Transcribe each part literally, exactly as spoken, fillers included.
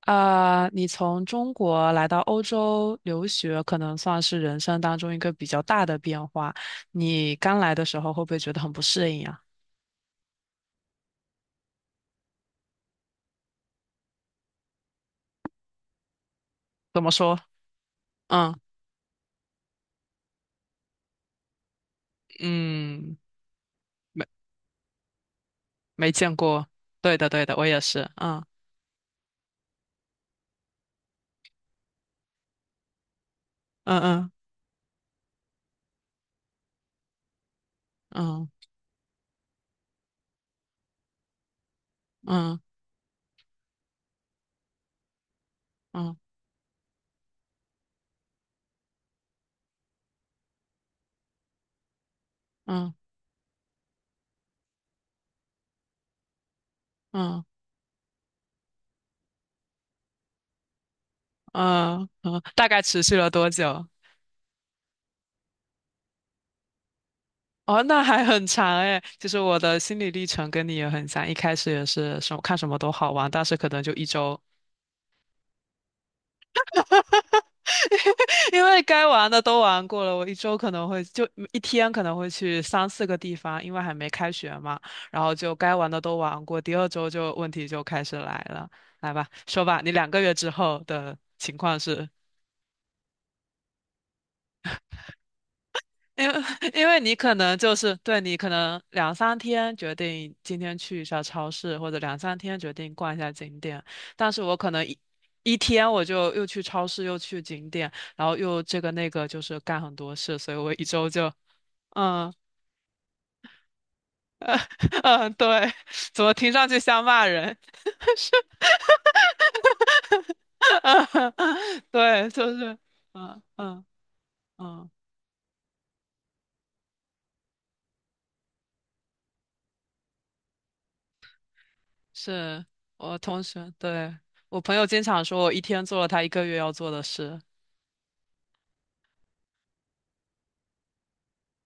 啊，你从中国来到欧洲留学，可能算是人生当中一个比较大的变化。你刚来的时候会不会觉得很不适应啊？怎么说？嗯嗯，没没见过。对的对的，我也是。嗯嗯嗯嗯嗯嗯嗯嗯嗯，大概持续了多久？哦，那还很长诶。其实我的心理历程跟你也很像，一开始也是什么看什么都好玩，但是可能就一周，因为该玩的都玩过了，我一周可能会就一天可能会去三四个地方，因为还没开学嘛，然后就该玩的都玩过，第二周就问题就开始来了，来吧，说吧，你两个月之后的情况是？因为 因为你可能就是对你可能两三天决定今天去一下超市，或者两三天决定逛一下景点，但是我可能一一天我就又去超市又去景点，然后又这个那个就是干很多事，所以我一周就嗯 嗯对，怎么听上去像骂人？嗯对，就是嗯嗯嗯，是我同学，对，我朋友经常说我一天做了他一个月要做的事，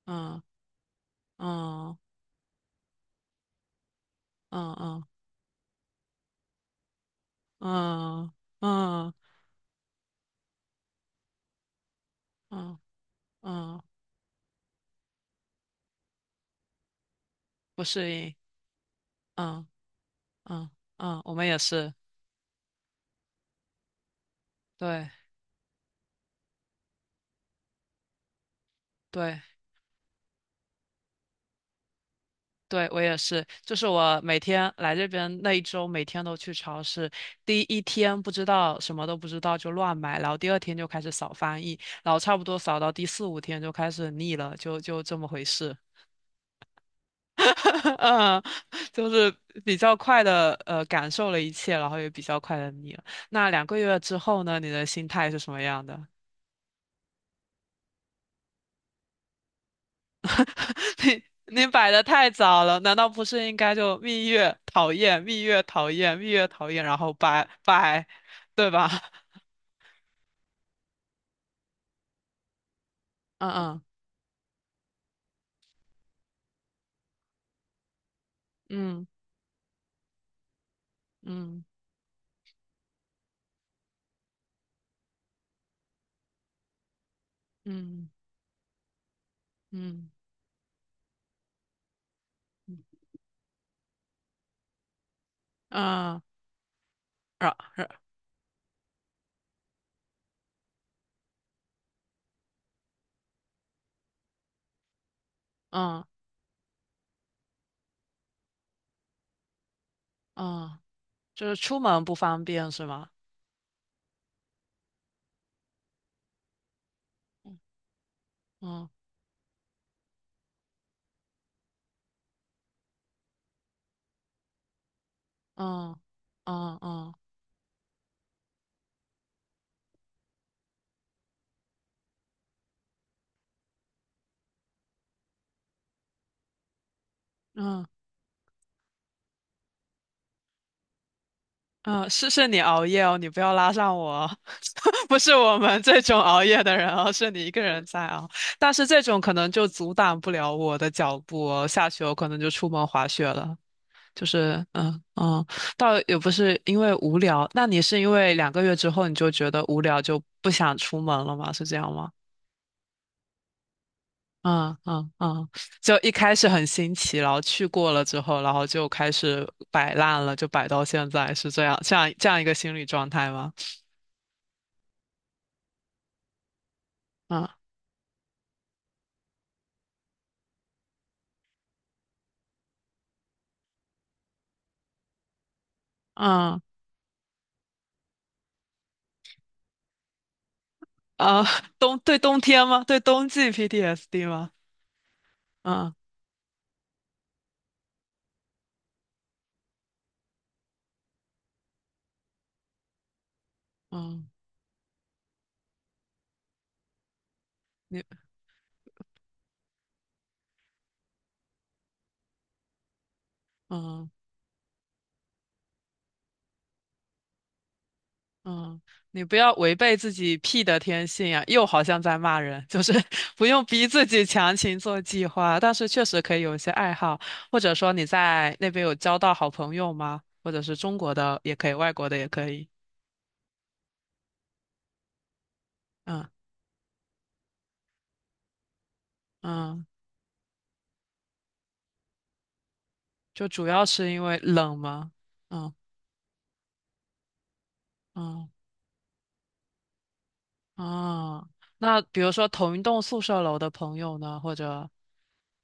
嗯。嗯嗯嗯嗯嗯嗯嗯，不适应，嗯嗯嗯，我们也是，对对对，我也是，就是我每天来这边那一周，每天都去超市，第一天不知道什么都不知道就乱买，然后第二天就开始扫翻译，然后差不多扫到第四五天就开始腻了，就就这么回事。嗯，就是比较快的呃感受了一切，然后也比较快的腻了。那两个月之后呢，你的心态是什么样的？你你摆的太早了，难道不是应该就蜜月讨厌，蜜月讨厌，蜜月讨厌，然后拜拜，对吧？嗯嗯嗯嗯嗯嗯嗯，然然嗯嗯，就是出门不方便是吗？嗯嗯嗯嗯嗯。嗯嗯，是是你熬夜哦，你不要拉上我哦 不是我们这种熬夜的人哦，是你一个人在熬。但是这种可能就阻挡不了我的脚步哦，下去我可能就出门滑雪了。就是嗯嗯，倒也不是因为无聊，那你是因为两个月之后你就觉得无聊就不想出门了吗？是这样吗？嗯嗯嗯，就一开始很新奇，然后去过了之后，然后就开始摆烂了，就摆到现在，是这样，这样这样一个心理状态吗？嗯。嗯啊，冬对冬天吗？对冬季 P T S D 吗？嗯嗯，你嗯嗯，你不要违背自己 P 的天性啊！又好像在骂人，就是 不用逼自己强行做计划，但是确实可以有一些爱好，或者说你在那边有交到好朋友吗？或者是中国的也可以，外国的也可以。嗯嗯，就主要是因为冷吗？嗯嗯。啊，那比如说同一栋宿舍楼的朋友呢，或者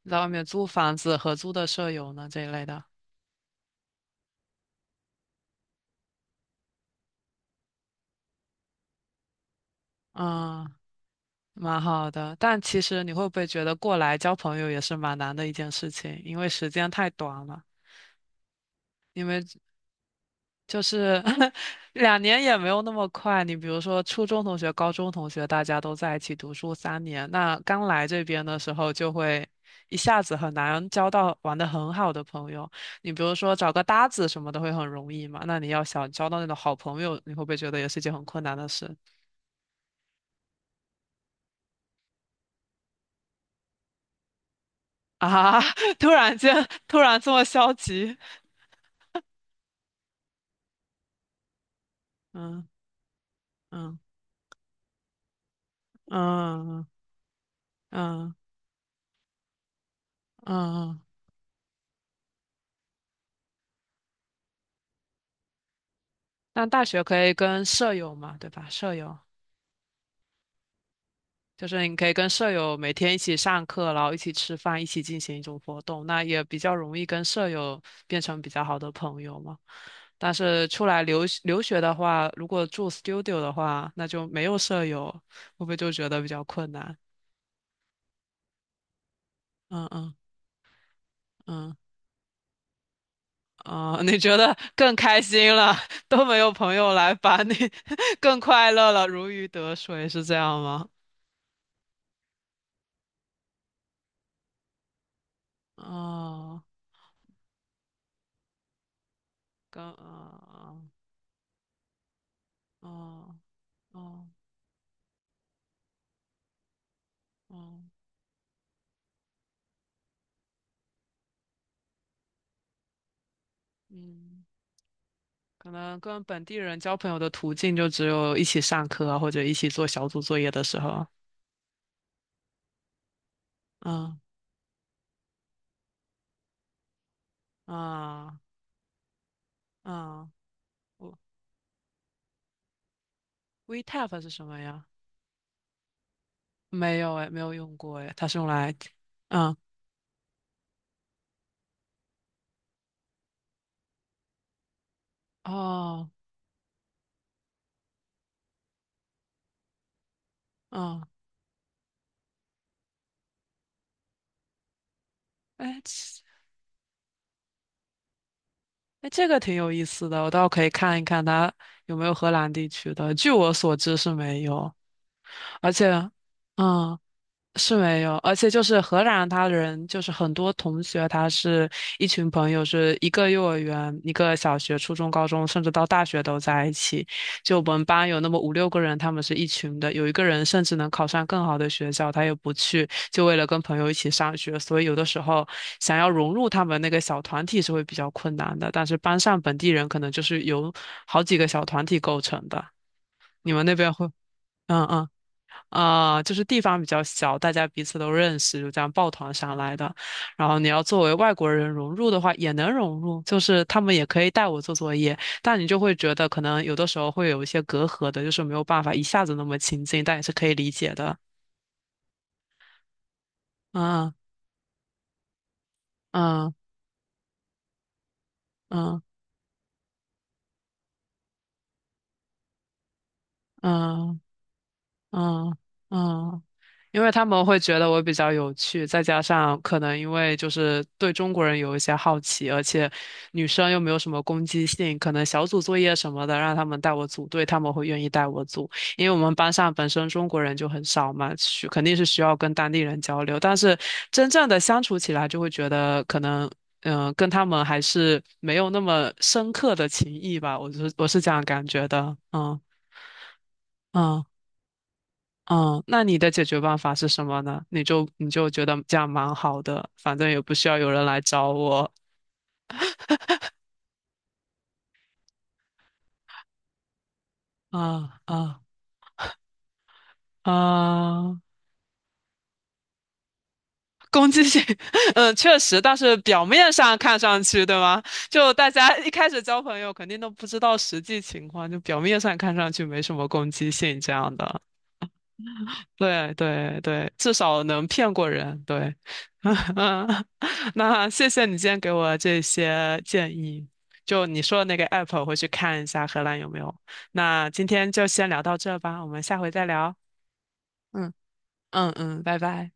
在外面租房子合租的舍友呢这一类的，嗯，蛮好的。但其实你会不会觉得过来交朋友也是蛮难的一件事情，因为时间太短了。就是 两年也没有那么快。你比如说，初中同学、高中同学，大家都在一起读书三年，那刚来这边的时候就会一下子很难交到玩得很好的朋友。你比如说找个搭子什么的会很容易嘛，那你要想交到那种好朋友，你会不会觉得也是一件很困难的事啊？突然间，突然这么消极，嗯嗯嗯嗯嗯嗯，嗯那大学可以跟舍友嘛，对吧？舍友。就是你可以跟舍友每天一起上课，然后一起吃饭，一起进行一种活动，那也比较容易跟舍友变成比较好的朋友嘛。但是出来留留学的话，如果住 studio 的话，那就没有舍友，会不会就觉得比较困难？嗯嗯嗯嗯，你觉得更开心了，都没有朋友来烦你，更快乐了，如鱼得水，是这样吗？哦，跟哦哦哦哦嗯。可能跟本地人交朋友的途径就只有一起上课啊，或者一起做小组作业的时候。嗯嗯嗯，我 WeTap 是什么呀？没有哎，没有用过哎，它是用来，嗯哦嗯，哎其哎这个挺有意思的，我倒可以看一看它有没有荷兰地区的。据我所知是没有，而且嗯是没有，而且就是荷兰，他人就是很多同学，他是一群朋友，是一个幼儿园、一个小学、初中、高中，甚至到大学都在一起。就我们班有那么五六个人，他们是一群的，有一个人甚至能考上更好的学校，他也不去，就为了跟朋友一起上学。所以有的时候想要融入他们那个小团体是会比较困难的，但是班上本地人可能就是由好几个小团体构成的。你们那边会？嗯嗯啊、就是地方比较小，大家彼此都认识，就这样抱团上来的。然后你要作为外国人融入的话，也能融入，就是他们也可以带我做作业，但你就会觉得可能有的时候会有一些隔阂的，就是没有办法一下子那么亲近，但也是可以理解的。嗯嗯嗯嗯嗯嗯嗯因为他们会觉得我比较有趣，再加上可能因为就是对中国人有一些好奇，而且女生又没有什么攻击性，可能小组作业什么的让他们带我组队，他们会愿意带我组，因为我们班上本身中国人就很少嘛，需肯定是需要跟当地人交流，但是真正的相处起来就会觉得可能。嗯，跟他们还是没有那么深刻的情谊吧，我是我是这样感觉的，嗯。嗯嗯，那你的解决办法是什么呢？你就你就觉得这样蛮好的，反正也不需要有人来找我啊啊啊！攻击性，嗯，确实，但是表面上看上去，对吗？就大家一开始交朋友，肯定都不知道实际情况，就表面上看上去没什么攻击性这样的。对对对，至少能骗过人。对，那谢谢你今天给我这些建议。就你说的那个 app，我会去看一下荷兰有没有。那今天就先聊到这吧，我们下回再聊。嗯嗯嗯，拜拜。